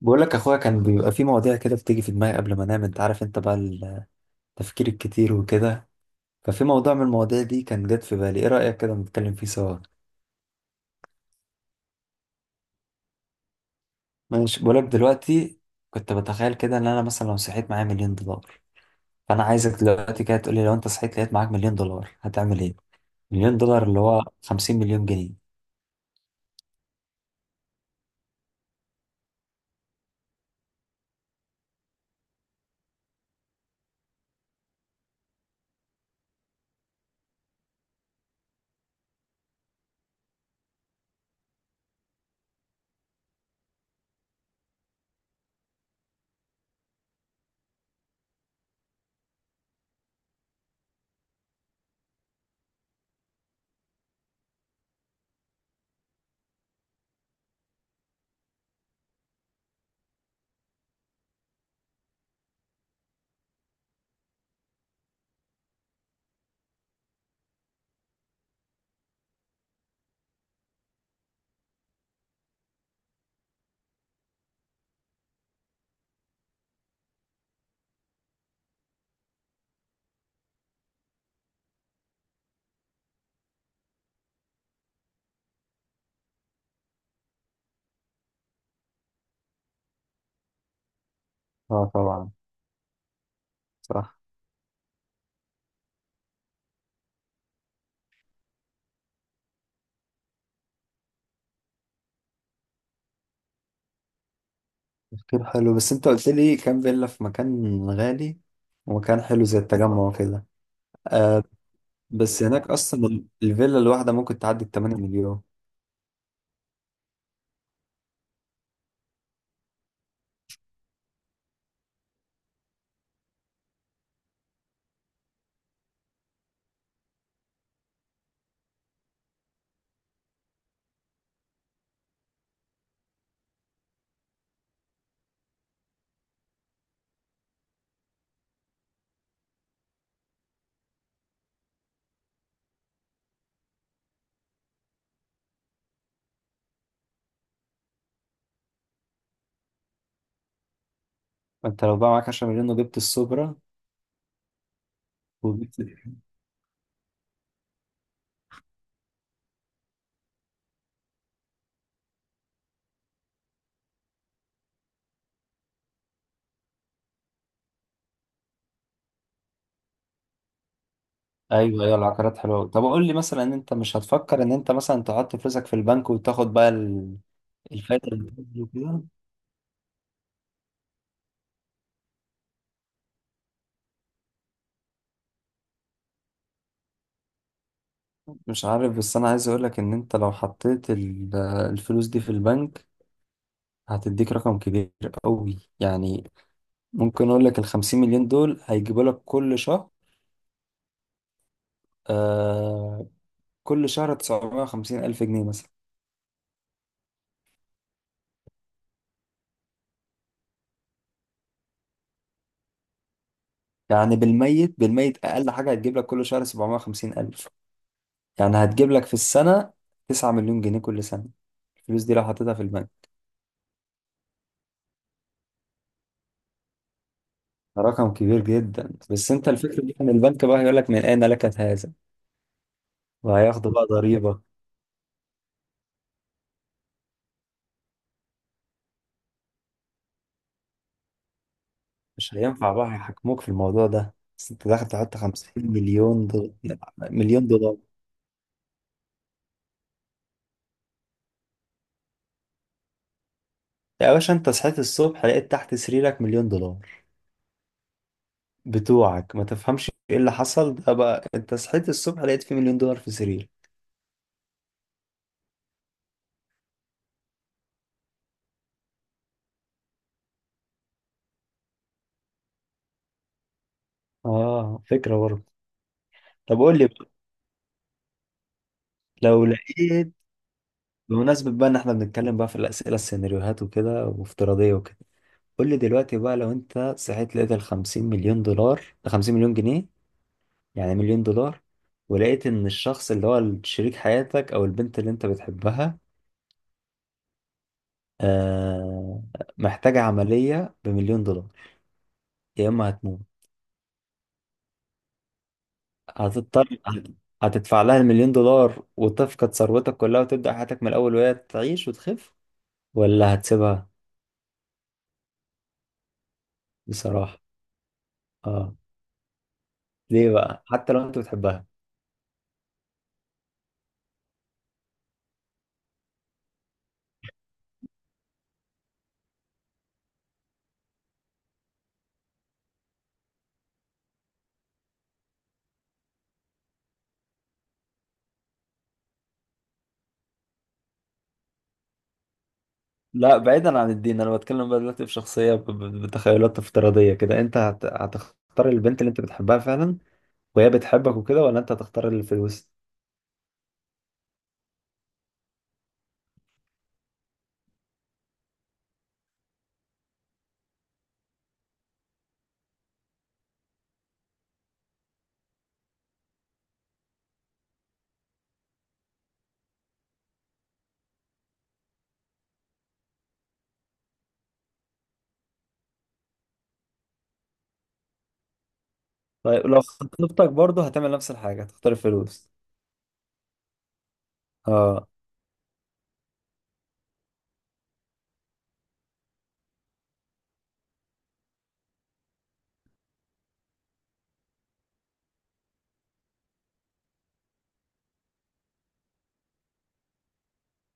بقول لك اخويا، كان بيبقى في مواضيع كده بتيجي في دماغي قبل ما انام. انت عارف، انت بقى التفكير الكتير وكده. ففي موضوع من المواضيع دي كان جت في بالي، ايه رأيك كده نتكلم فيه سوا؟ ماشي، بقول لك دلوقتي. كنت بتخيل كده ان انا مثلا لو صحيت معايا $1,000,000. فانا عايزك دلوقتي كده تقول لي، لو انت صحيت لقيت معاك $1,000,000 هتعمل ايه؟ مليون دولار اللي هو 50 مليون جنيه. اه طبعا. صح. تفكير حلو، بس انت قلت لي كام فيلا في مكان غالي ومكان حلو زي التجمع وكده. آه، بس هناك اصلا الفيلا الواحده ممكن تعدي ال 8 مليون. فانت لو بقى معاك 10 مليون وجبت السوبرا، وجبت. ايوه ايوه، العقارات حلوه أوي. طب قول لي مثلا، ان انت مش هتفكر ان انت مثلا تحط فلوسك في البنك وتاخد بقى الفايده اللي بتنزل وكده؟ مش عارف، بس انا عايز اقول لك ان انت لو حطيت الفلوس دي في البنك هتديك رقم كبير قوي يعني. ممكن اقول لك ال 50 مليون دول هيجيبوا لك كل شهر، آه، كل شهر 950 الف جنيه مثلا. يعني بالميت بالميت اقل حاجه هتجيب لك كل شهر 750 الف. يعني هتجيب لك في السنه 9 مليون جنيه كل سنه، الفلوس دي لو حطيتها في البنك. رقم كبير جدا، بس انت الفكره دي كان البنك بقى هيقول لك من اين لك هذا، وهياخدوا بقى ضريبه. مش هينفع بقى، هيحاكموك في الموضوع ده، بس انت داخل تحط 50 مليون دولار. مليون دولار. يا باشا انت صحيت الصبح لقيت تحت سريرك مليون دولار بتوعك، ما تفهمش ايه اللي حصل ده بقى، انت صحيت الصبح لقيت في مليون دولار في سرير. اه فكرة برضه. طب قول لي بقى، لو لقيت، بمناسبة بقى ان احنا بنتكلم بقى في الأسئلة السيناريوهات وكده وافتراضية وكده، قول لي دلوقتي بقى، لو انت صحيت لقيت ال 50 مليون دولار، 50 مليون جنيه يعني مليون دولار، ولقيت ان الشخص اللي هو شريك حياتك او البنت اللي انت بتحبها آه محتاجة عملية بمليون دولار. يا اما هتموت، هتضطر هتدفع لها المليون دولار وتفقد ثروتك كلها وتبدأ حياتك من الأول وهي تعيش وتخف، ولا هتسيبها؟ بصراحة اه. ليه بقى، حتى لو انت بتحبها؟ لا، بعيدا عن الدين، انا بتكلم بقى دلوقتي بشخصيه، بتخيلات افتراضيه كده. انت هتختار البنت اللي انت بتحبها فعلا وهي بتحبك وكده، ولا انت هتختار الفلوس؟ طيب لو خطيبتك برضه هتعمل نفس الحاجه، هتختار الفلوس؟ اه.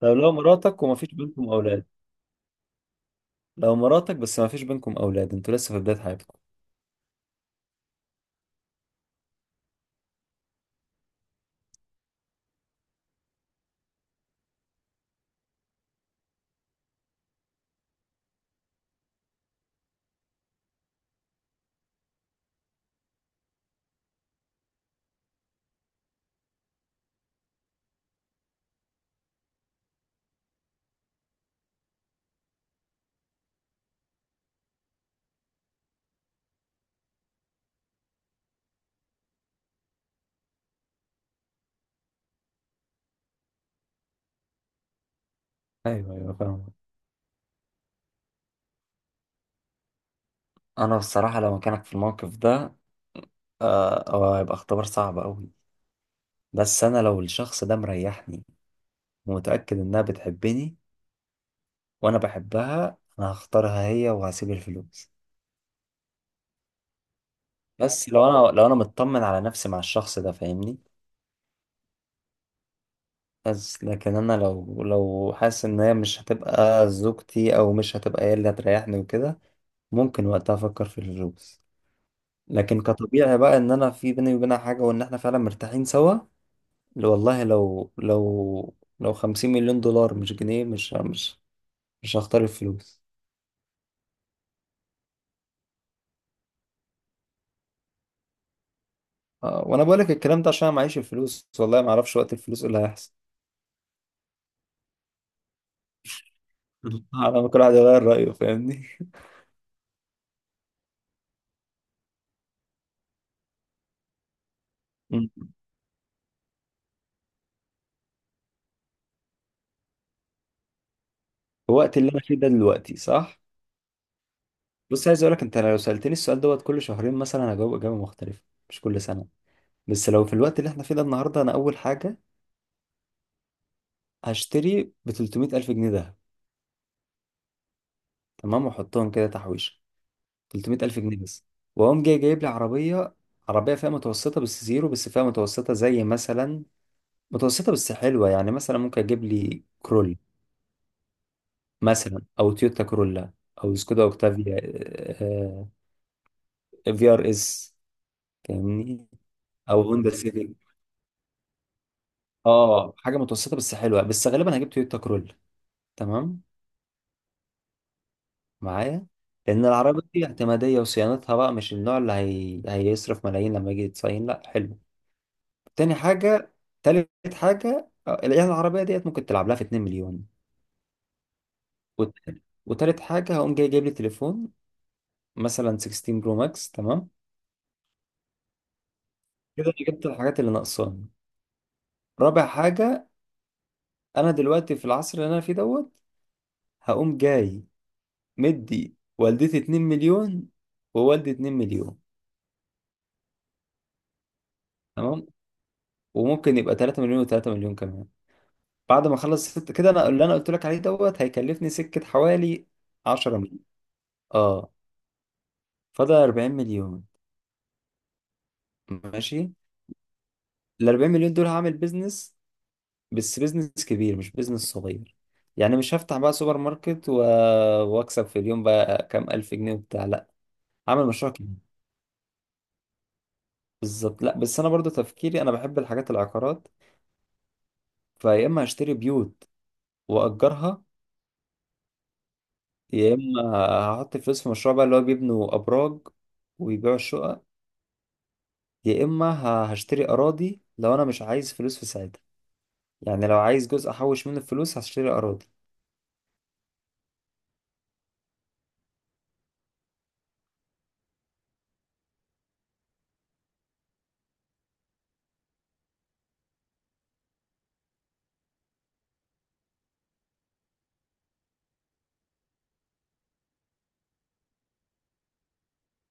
طيب لو مراتك ومفيش بينكم اولاد، لو مراتك بس مفيش بينكم اولاد، انتوا لسه في بدايه حياتكم. ايوه ايوه فاهم. انا بصراحه لو مكانك في الموقف ده، هيبقى اختبار صعب قوي. بس انا لو الشخص ده مريحني ومتاكد انها بتحبني وانا بحبها، انا هختارها هي وهسيب الفلوس. بس لو انا مطمن على نفسي مع الشخص ده، فاهمني؟ بس لكن انا لو حاسس ان هي مش هتبقى زوجتي، او مش هتبقى هي اللي هتريحني وكده، ممكن وقتها افكر في الفلوس. لكن كطبيعي بقى، ان انا في بيني وبينها حاجة وان احنا فعلا مرتاحين سوا، والله لو لو $50,000,000 مش جنيه، مش هختار الفلوس. وانا بقولك الكلام ده عشان أنا معيش الفلوس، والله ما اعرفش وقت الفلوس إيه اللي هيحصل. على ما كل واحد يغير رأيه، فاهمني. مم. في الوقت اللي انا فيه ده دلوقتي صح. بص، عايز اقول لك، انت لو سألتني السؤال دوت كل شهرين مثلا هجاوب إجابة مختلفة، مش كل سنة. بس لو في الوقت اللي احنا فيه ده النهاردة، انا اول حاجة هشتري ب 300 الف جنيه ده، تمام، واحطهم كده تحويشة. 300 الف جنيه بس. واقوم جاي جايب لي عربية، عربية فئة متوسطة بس زيرو، بس فئة متوسطة زي مثلا، متوسطة بس حلوة. يعني مثلا ممكن اجيب لي كرول مثلا، او تويوتا كرولا، او سكودا اوكتافيا، في ار اس، فاهمني، او هوندا سيفيك. اه حاجه متوسطه بس حلوه، بس غالبا هجيب تويوتا كرول، تمام، معايا. لان العربيه دي اعتماديه وصيانتها بقى مش النوع اللي هيصرف ملايين لما يجي يتصين، لا، حلو. تاني حاجه، تالت حاجه، يعني العربيه ديت ممكن تلعب لها في 2 مليون. وت... وتالت حاجه هقوم جاي جايب لي تليفون مثلا 16 برو ماكس. تمام، كده انا جبت الحاجات اللي ناقصاني. رابع حاجه، انا دلوقتي في العصر اللي انا فيه دوت، هقوم جاي مدي والدتي 2 مليون ووالدي 2 مليون. تمام. وممكن يبقى 3 مليون و3 مليون كمان. بعد ما اخلص ست كده انا اللي انا قلت لك عليه دوت، هيكلفني سكة حوالي 10 مليون، اه. فاضل 40 مليون، ماشي. ال 40 مليون دول هعمل بيزنس، بس بيزنس كبير مش بيزنس صغير. يعني مش هفتح بقى سوبر ماركت و... واكسب في اليوم بقى كام الف جنيه وبتاع، لا، هعمل مشروع كبير. بالظبط، لا بس انا برضو تفكيري، انا بحب الحاجات العقارات. فيا اما هشتري بيوت واجرها، يا اما هحط الفلوس في مشروع بقى اللي هو بيبنوا ابراج ويبيعوا الشقق، يا اما هشتري اراضي لو انا مش عايز فلوس في ساعتها. يعني لو عايز جزء احوش منه الفلوس هشتري اراضي.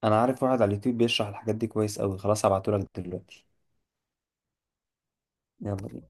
انا عارف واحد على اليوتيوب بيشرح الحاجات دي كويس قوي، خلاص هبعتهولك دلوقتي. يلا بينا.